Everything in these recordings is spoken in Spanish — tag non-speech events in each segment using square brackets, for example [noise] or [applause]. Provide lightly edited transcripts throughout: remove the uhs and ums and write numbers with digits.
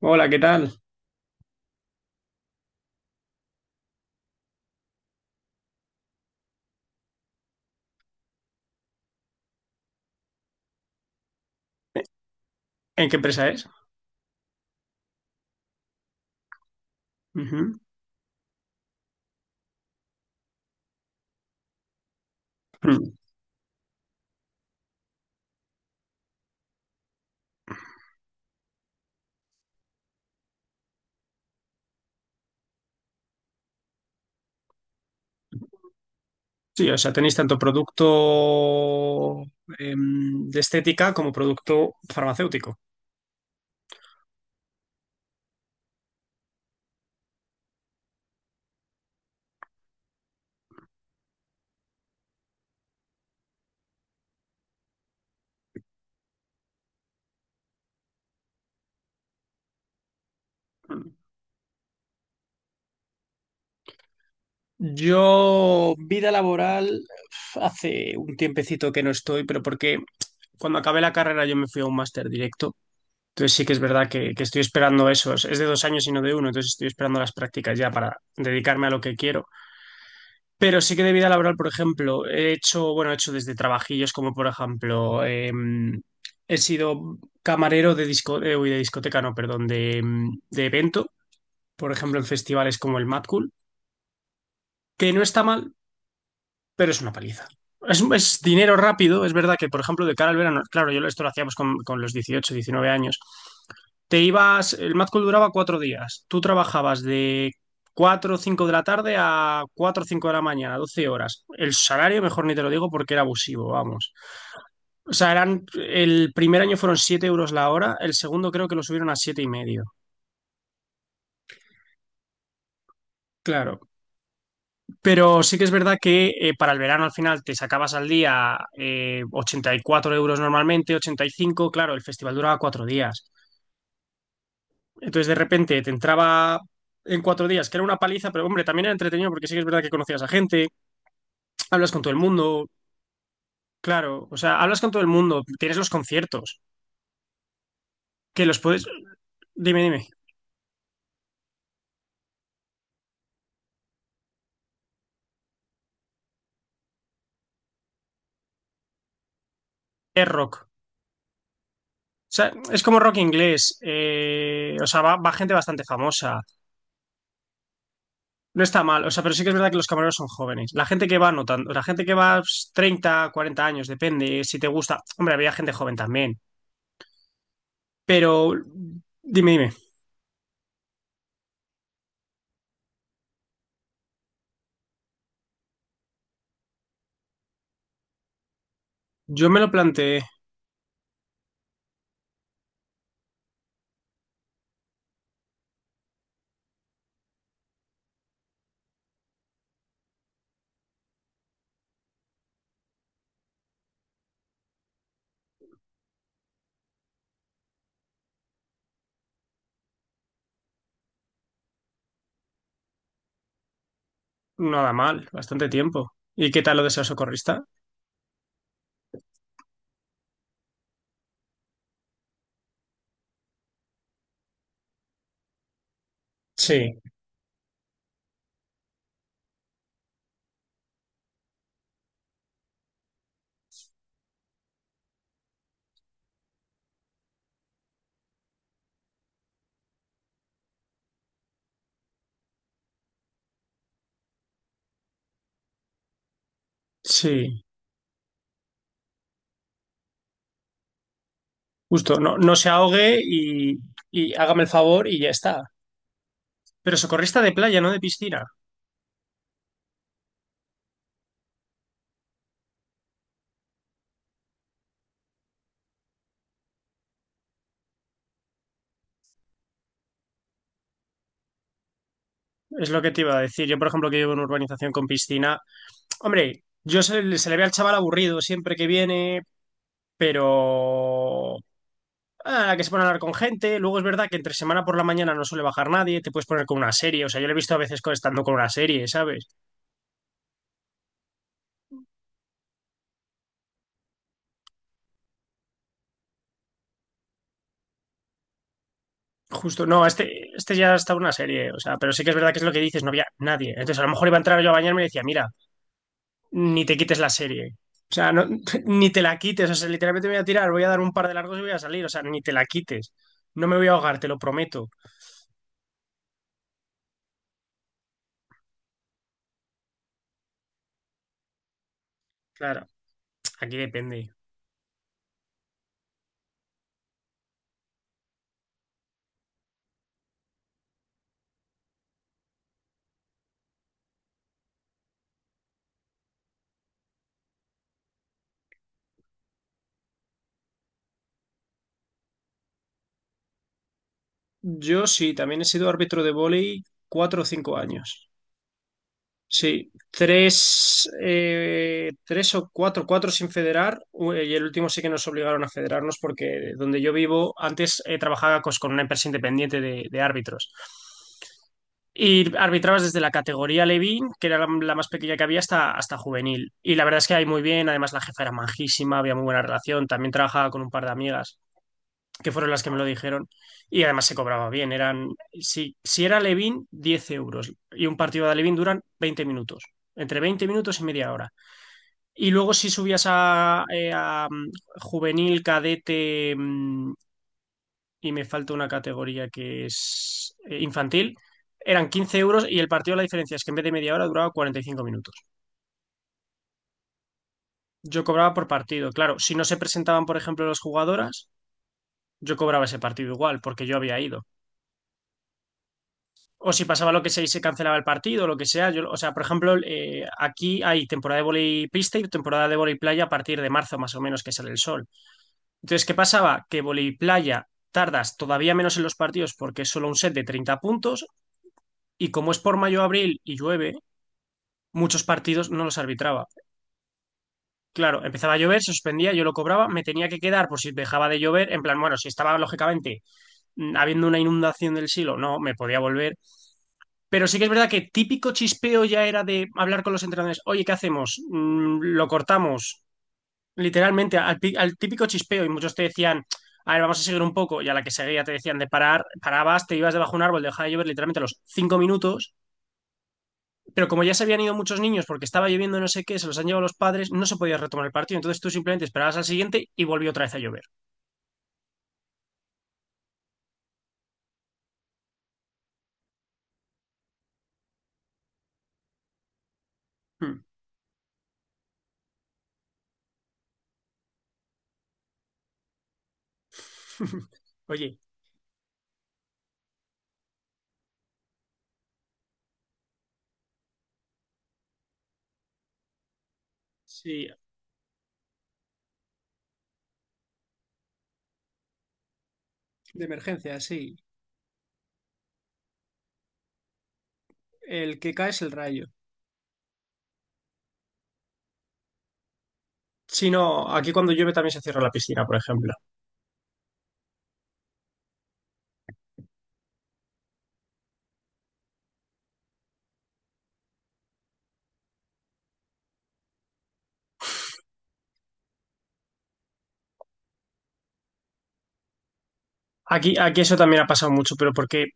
Hola, ¿qué tal? ¿En qué empresa es? Ujú. Mm. Sí, o sea, tenéis tanto producto de estética como producto farmacéutico. Mm. Yo, vida laboral, hace un tiempecito que no estoy, pero porque cuando acabé la carrera yo me fui a un máster directo. Entonces sí que es verdad que estoy esperando eso. Es de dos años y no de uno, entonces estoy esperando las prácticas ya para dedicarme a lo que quiero. Pero sí que de vida laboral, por ejemplo, he hecho, bueno, he hecho desde trabajillos como, por ejemplo, he sido camarero de disco, uy, de discoteca, no, perdón, de, de evento, por ejemplo, en festivales como el Mad Cool, que no está mal, pero es una paliza. Es dinero rápido, es verdad que, por ejemplo, de cara al verano, claro, yo esto lo hacíamos con los 18, 19 años, te ibas, el Mad Cool duraba 4 días, tú trabajabas de 4 o 5 de la tarde a 4 o 5 de la mañana, 12 horas. El salario, mejor ni te lo digo porque era abusivo, vamos. O sea, eran, el primer año fueron 7 euros la hora, el segundo creo que lo subieron a siete y medio. Claro. Pero sí que es verdad que para el verano al final te sacabas al día 84 euros normalmente, 85, claro, el festival duraba 4 días. Entonces de repente te entraba en 4 días, que era una paliza, pero hombre, también era entretenido porque sí que es verdad que conocías a gente, hablas con todo el mundo, claro, o sea, hablas con todo el mundo, tienes los conciertos, que los puedes... Dime, dime, es rock. O sea, es como rock inglés, o sea, va gente bastante famosa. No está mal, o sea, pero sí que es verdad que los camareros son jóvenes. La gente que va notando, la gente que va pues, 30, 40 años, depende si te gusta. Hombre, había gente joven también. Pero dime, dime, yo me lo planteé. Nada mal, bastante tiempo. ¿Y qué tal lo de ser socorrista? Sí, sí, justo, no, no se ahogue y hágame el favor y ya está. Pero socorrista de playa, no de piscina, es lo que te iba a decir. Yo, por ejemplo, que vivo en una urbanización con piscina, hombre, yo se le ve al chaval aburrido siempre que viene, pero a la que se pone a hablar con gente. Luego es verdad que entre semana por la mañana no suele bajar nadie, te puedes poner con una serie. O sea, yo lo he visto a veces con- estando con una serie, ¿sabes? Justo, no, este ya está una serie. O sea, pero sí que es verdad que es lo que dices, no había nadie. Entonces, a lo mejor iba a entrar yo a bañarme y decía, mira, ni te quites la serie. O sea, no, [laughs] ni te la quites. O sea, literalmente me voy a tirar, voy a dar un par de largos y voy a salir. O sea, ni te la quites. No me voy a ahogar, te lo prometo. Claro, aquí depende. Yo sí, también he sido árbitro de vóley cuatro o cinco años. Sí, tres, tres o cuatro, cuatro sin federar, y el último sí que nos obligaron a federarnos porque donde yo vivo, antes trabajaba con una empresa independiente de árbitros. Y arbitrabas desde la categoría Levín, que era la más pequeña que había, hasta juvenil. Y la verdad es que ahí muy bien, además la jefa era majísima, había muy buena relación, también trabajaba con un par de amigas que fueron las que me lo dijeron. Y además se cobraba bien. Eran, si era Levin, 10 euros. Y un partido de Levin duran 20 minutos. Entre 20 minutos y media hora. Y luego si subías a, juvenil, cadete y me falta una categoría que es infantil, eran 15 euros y el partido la diferencia es que en vez de media hora duraba 45 minutos. Yo cobraba por partido. Claro, si no se presentaban, por ejemplo, las jugadoras, yo cobraba ese partido igual porque yo había ido. O si pasaba lo que sea y se cancelaba el partido, lo que sea. Yo, o sea, por ejemplo, aquí hay temporada de vóley pista y temporada de vóley playa a partir de marzo, más o menos, que sale el sol. Entonces, ¿qué pasaba? Que vóley playa tardas todavía menos en los partidos porque es solo un set de 30 puntos y como es por mayo-abril y llueve, muchos partidos no los arbitraba. Claro, empezaba a llover, se suspendía, yo lo cobraba, me tenía que quedar por si dejaba de llover, en plan, bueno, si estaba lógicamente habiendo una inundación del silo, no, me podía volver. Pero sí que es verdad que típico chispeo ya era de hablar con los entrenadores, oye, ¿qué hacemos? Lo cortamos, literalmente, al típico chispeo, y muchos te decían, a ver, vamos a seguir un poco, y a la que seguía te decían de parar, parabas, te ibas debajo de un árbol, dejaba de llover literalmente a los 5 minutos, pero como ya se habían ido muchos niños porque estaba lloviendo no sé qué, se los han llevado los padres, no se podía retomar el partido, entonces tú simplemente esperabas al siguiente y volvió otra vez a llover. Hmm. [laughs] Oye, sí, de emergencia, sí. El que cae es el rayo. Sí, no, aquí cuando llueve también se cierra la piscina, por ejemplo. Aquí, aquí eso también ha pasado mucho, pero porque,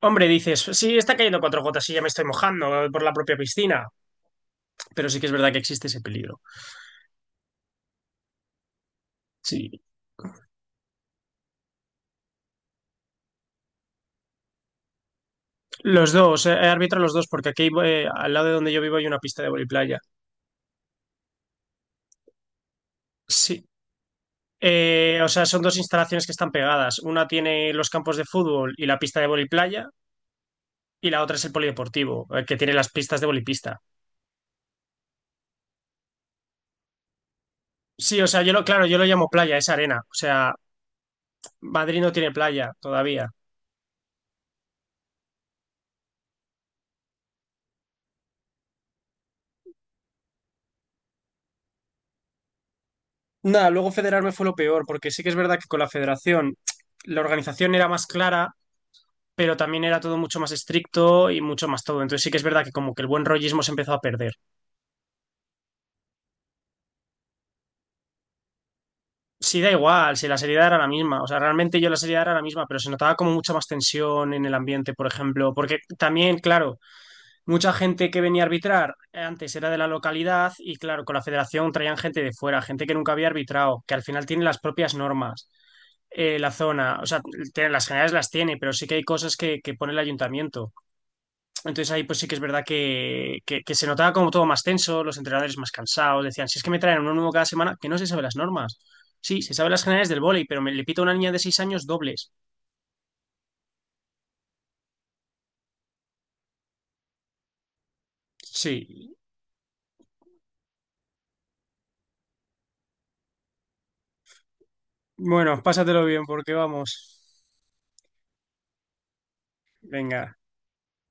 hombre, dices, sí, está cayendo cuatro gotas y ya me estoy mojando por la propia piscina, pero sí que es verdad que existe ese peligro. Sí, los dos, arbitro los dos, porque aquí al lado de donde yo vivo hay una pista de voliplaya. Sí. O sea, son dos instalaciones que están pegadas. Una tiene los campos de fútbol y la pista de voliplaya y la otra es el polideportivo, el que tiene las pistas de bolipista. Sí, o sea, yo lo, claro, yo lo llamo playa, es arena. O sea, Madrid no tiene playa todavía. Nada, luego federarme fue lo peor, porque sí que es verdad que con la federación la organización era más clara, pero también era todo mucho más estricto y mucho más todo. Entonces sí que es verdad que como que el buen rollismo se empezó a perder. Sí, da igual, si la seriedad era la misma. O sea, realmente yo la seriedad era la misma, pero se notaba como mucha más tensión en el ambiente, por ejemplo. Porque también, claro, mucha gente que venía a arbitrar antes era de la localidad y claro, con la federación traían gente de fuera, gente que nunca había arbitrado, que al final tiene las propias normas, la zona, o sea, tiene- las generales las tiene, pero sí que hay cosas que pone el ayuntamiento. Entonces ahí pues sí que es verdad que se notaba como todo más tenso, los entrenadores más cansados, decían, si es que me traen uno nuevo cada semana, que no se sabe las normas. Sí, se sabe las generales del vóley, pero me le pito a una niña de 6 años dobles. Sí. Bueno, pásatelo bien porque vamos. Venga.